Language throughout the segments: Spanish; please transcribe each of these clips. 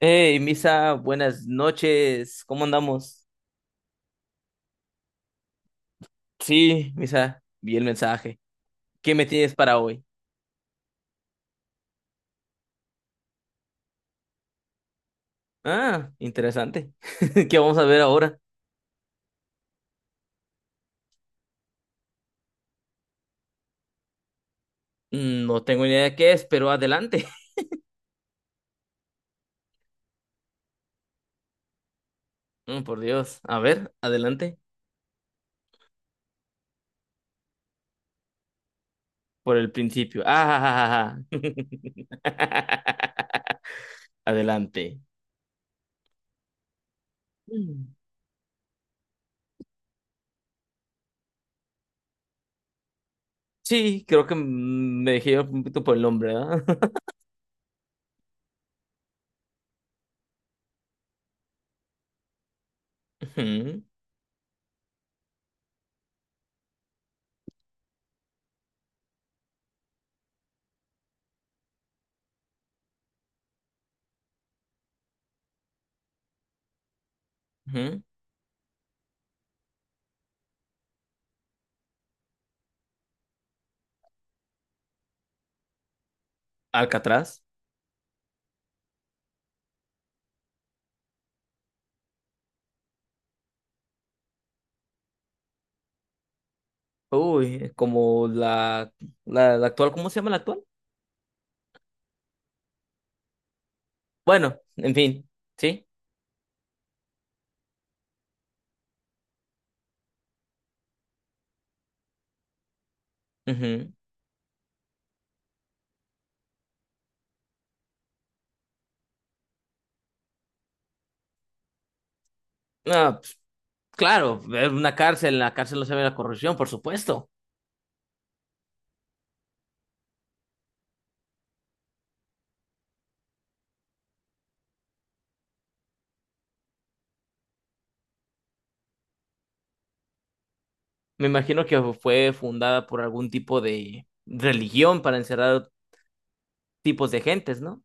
Hey, Misa, buenas noches. ¿Cómo andamos? Sí, Misa, vi el mensaje. ¿Qué me tienes para hoy? Ah, interesante. ¿Qué vamos a ver ahora? No tengo ni idea de qué es, pero adelante. Mm, por Dios. A ver, adelante. Por el principio. Ah, ja, ja, ja, ja. Adelante. Mm. Sí, creo que me dejé un poquito por el nombre, ¿verdad? Ujú, ujú. Alcatraz. Uy, como la actual, ¿cómo se llama la actual? Bueno, en fin, sí. Ujú. Ah, pues, claro, es una cárcel, en la cárcel no se ve la corrupción, por supuesto. Me imagino que fue fundada por algún tipo de religión para encerrar tipos de gentes, ¿no?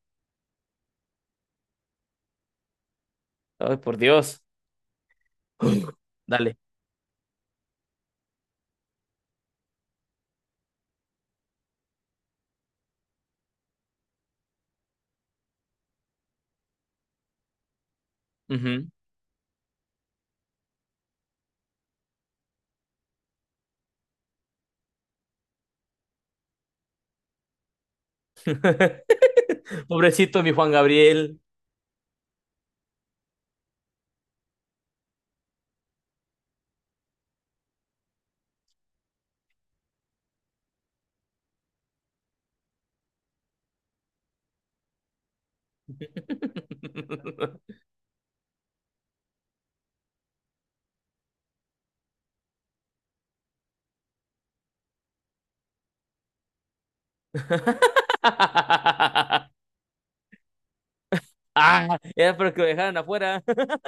Ay, por Dios. Dale. Ujú. Pobrecito mi Juan Gabriel. Ah, era para que lo dejaran afuera.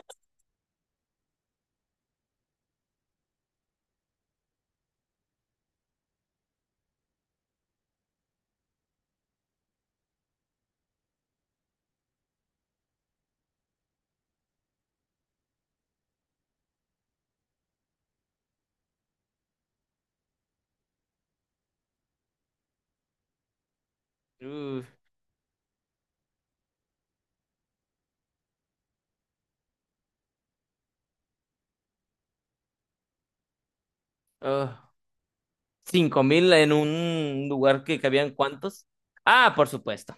Uf, ah. 5000 en un lugar que cabían cuántos. Ah, por supuesto.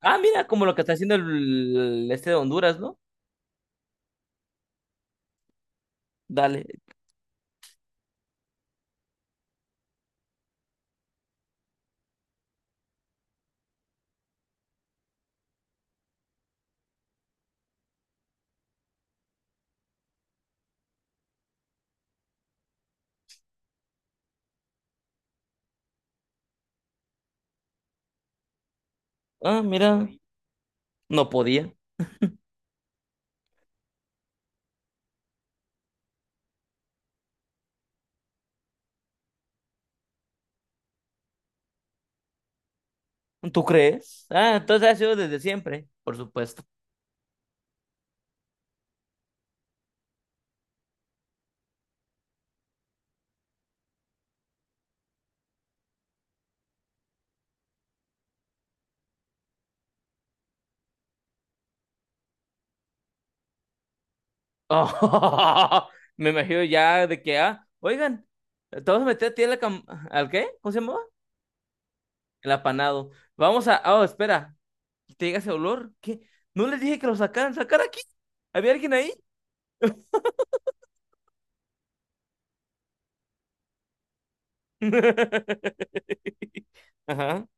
Ah, mira, como lo que está haciendo este de Honduras, ¿no? Dale. Ah, mira, no podía. ¿Tú crees? Ah, entonces ha sido desde siempre, por supuesto. Oh, me imagino ya de que, ah, oigan, te vas a meter a ti en la cam- ¿Al qué? ¿Cómo se llamaba? El apanado. Vamos a. Oh, espera. ¿Te llega ese olor? ¿Qué? ¿No les dije que lo sacaran? ¿Sacar aquí? ¿Había alguien ahí? Ajá.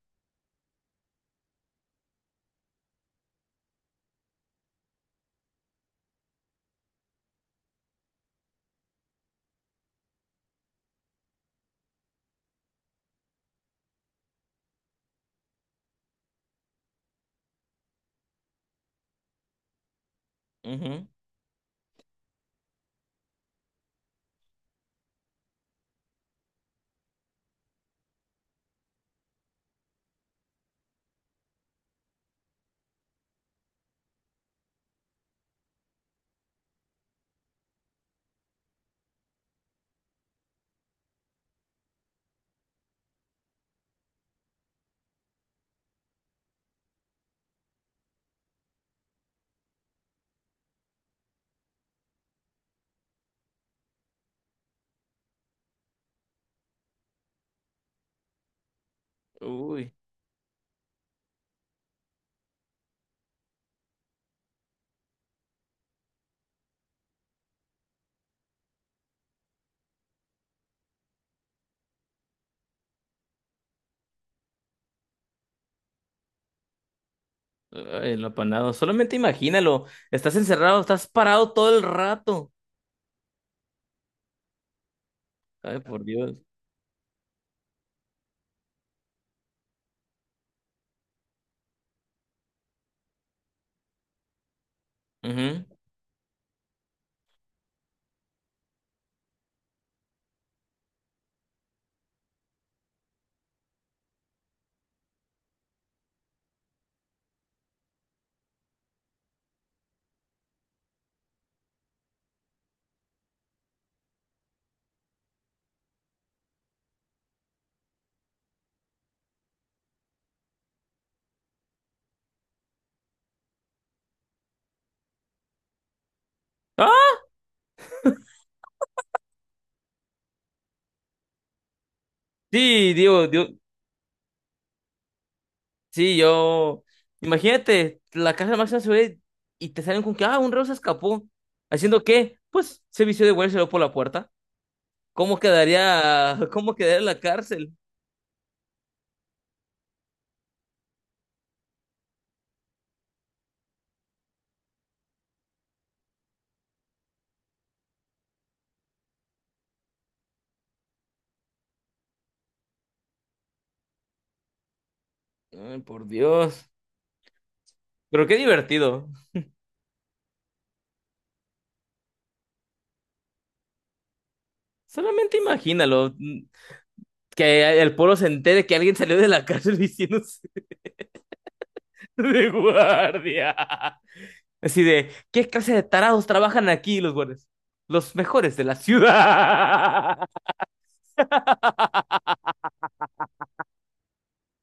Ujú. Uy, ay, el apanado. Solamente imagínalo. Estás encerrado, estás parado todo el rato. Ay, por Dios. Ujú. ¡Ah! Sí, digo, digo, sí, yo. Imagínate, la casa de máxima seguridad y te salen con que, ah, un reo se escapó. ¿Haciendo qué? Pues se vistió de güey y se lo por la puerta. ¿Cómo quedaría, cómo quedaría la cárcel? Ay, por Dios. Pero qué divertido. Solamente imagínalo. Que el pueblo se entere que alguien salió de la cárcel diciendo de guardia. Así de, ¿qué clase de tarados trabajan aquí los guardias? Los mejores de la ciudad.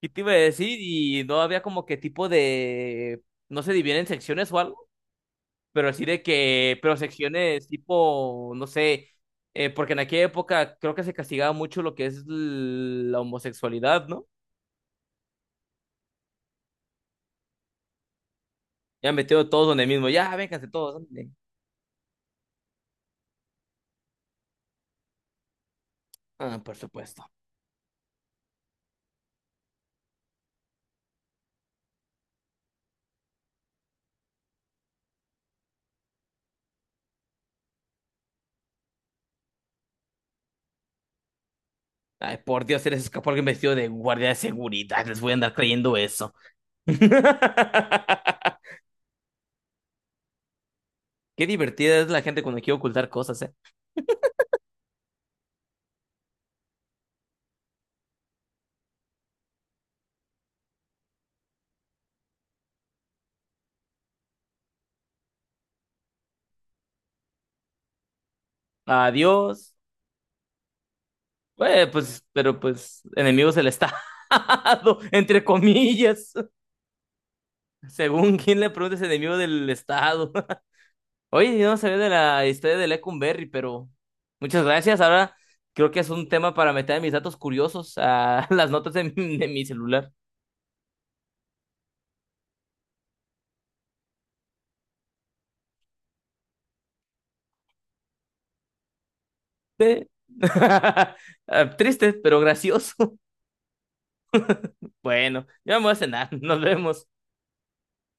Y te iba a decir, y no había como que tipo de. No se dividen secciones o algo, pero así de que. Pero secciones tipo, no sé. Porque en aquella época creo que se castigaba mucho lo que es la homosexualidad, ¿no? Ya metido todos donde mismo. Ya, vénganse todos. Ándale. Ah, por supuesto. Ay, por Dios, se les escapó alguien vestido de guardia de seguridad. Les voy a andar creyendo eso. Qué divertida es la gente cuando quiere ocultar cosas, ¿eh? Adiós. Pues, pero pues, enemigos del Estado, entre comillas. Según quien le preguntes, enemigo del Estado. Oye, yo no sabía de la historia de Lecumberri, pero muchas gracias. Ahora creo que es un tema para meter mis datos curiosos a las notas mi de mi celular. Sí. Ah, triste, pero gracioso. Bueno, ya me voy a cenar. Nos vemos.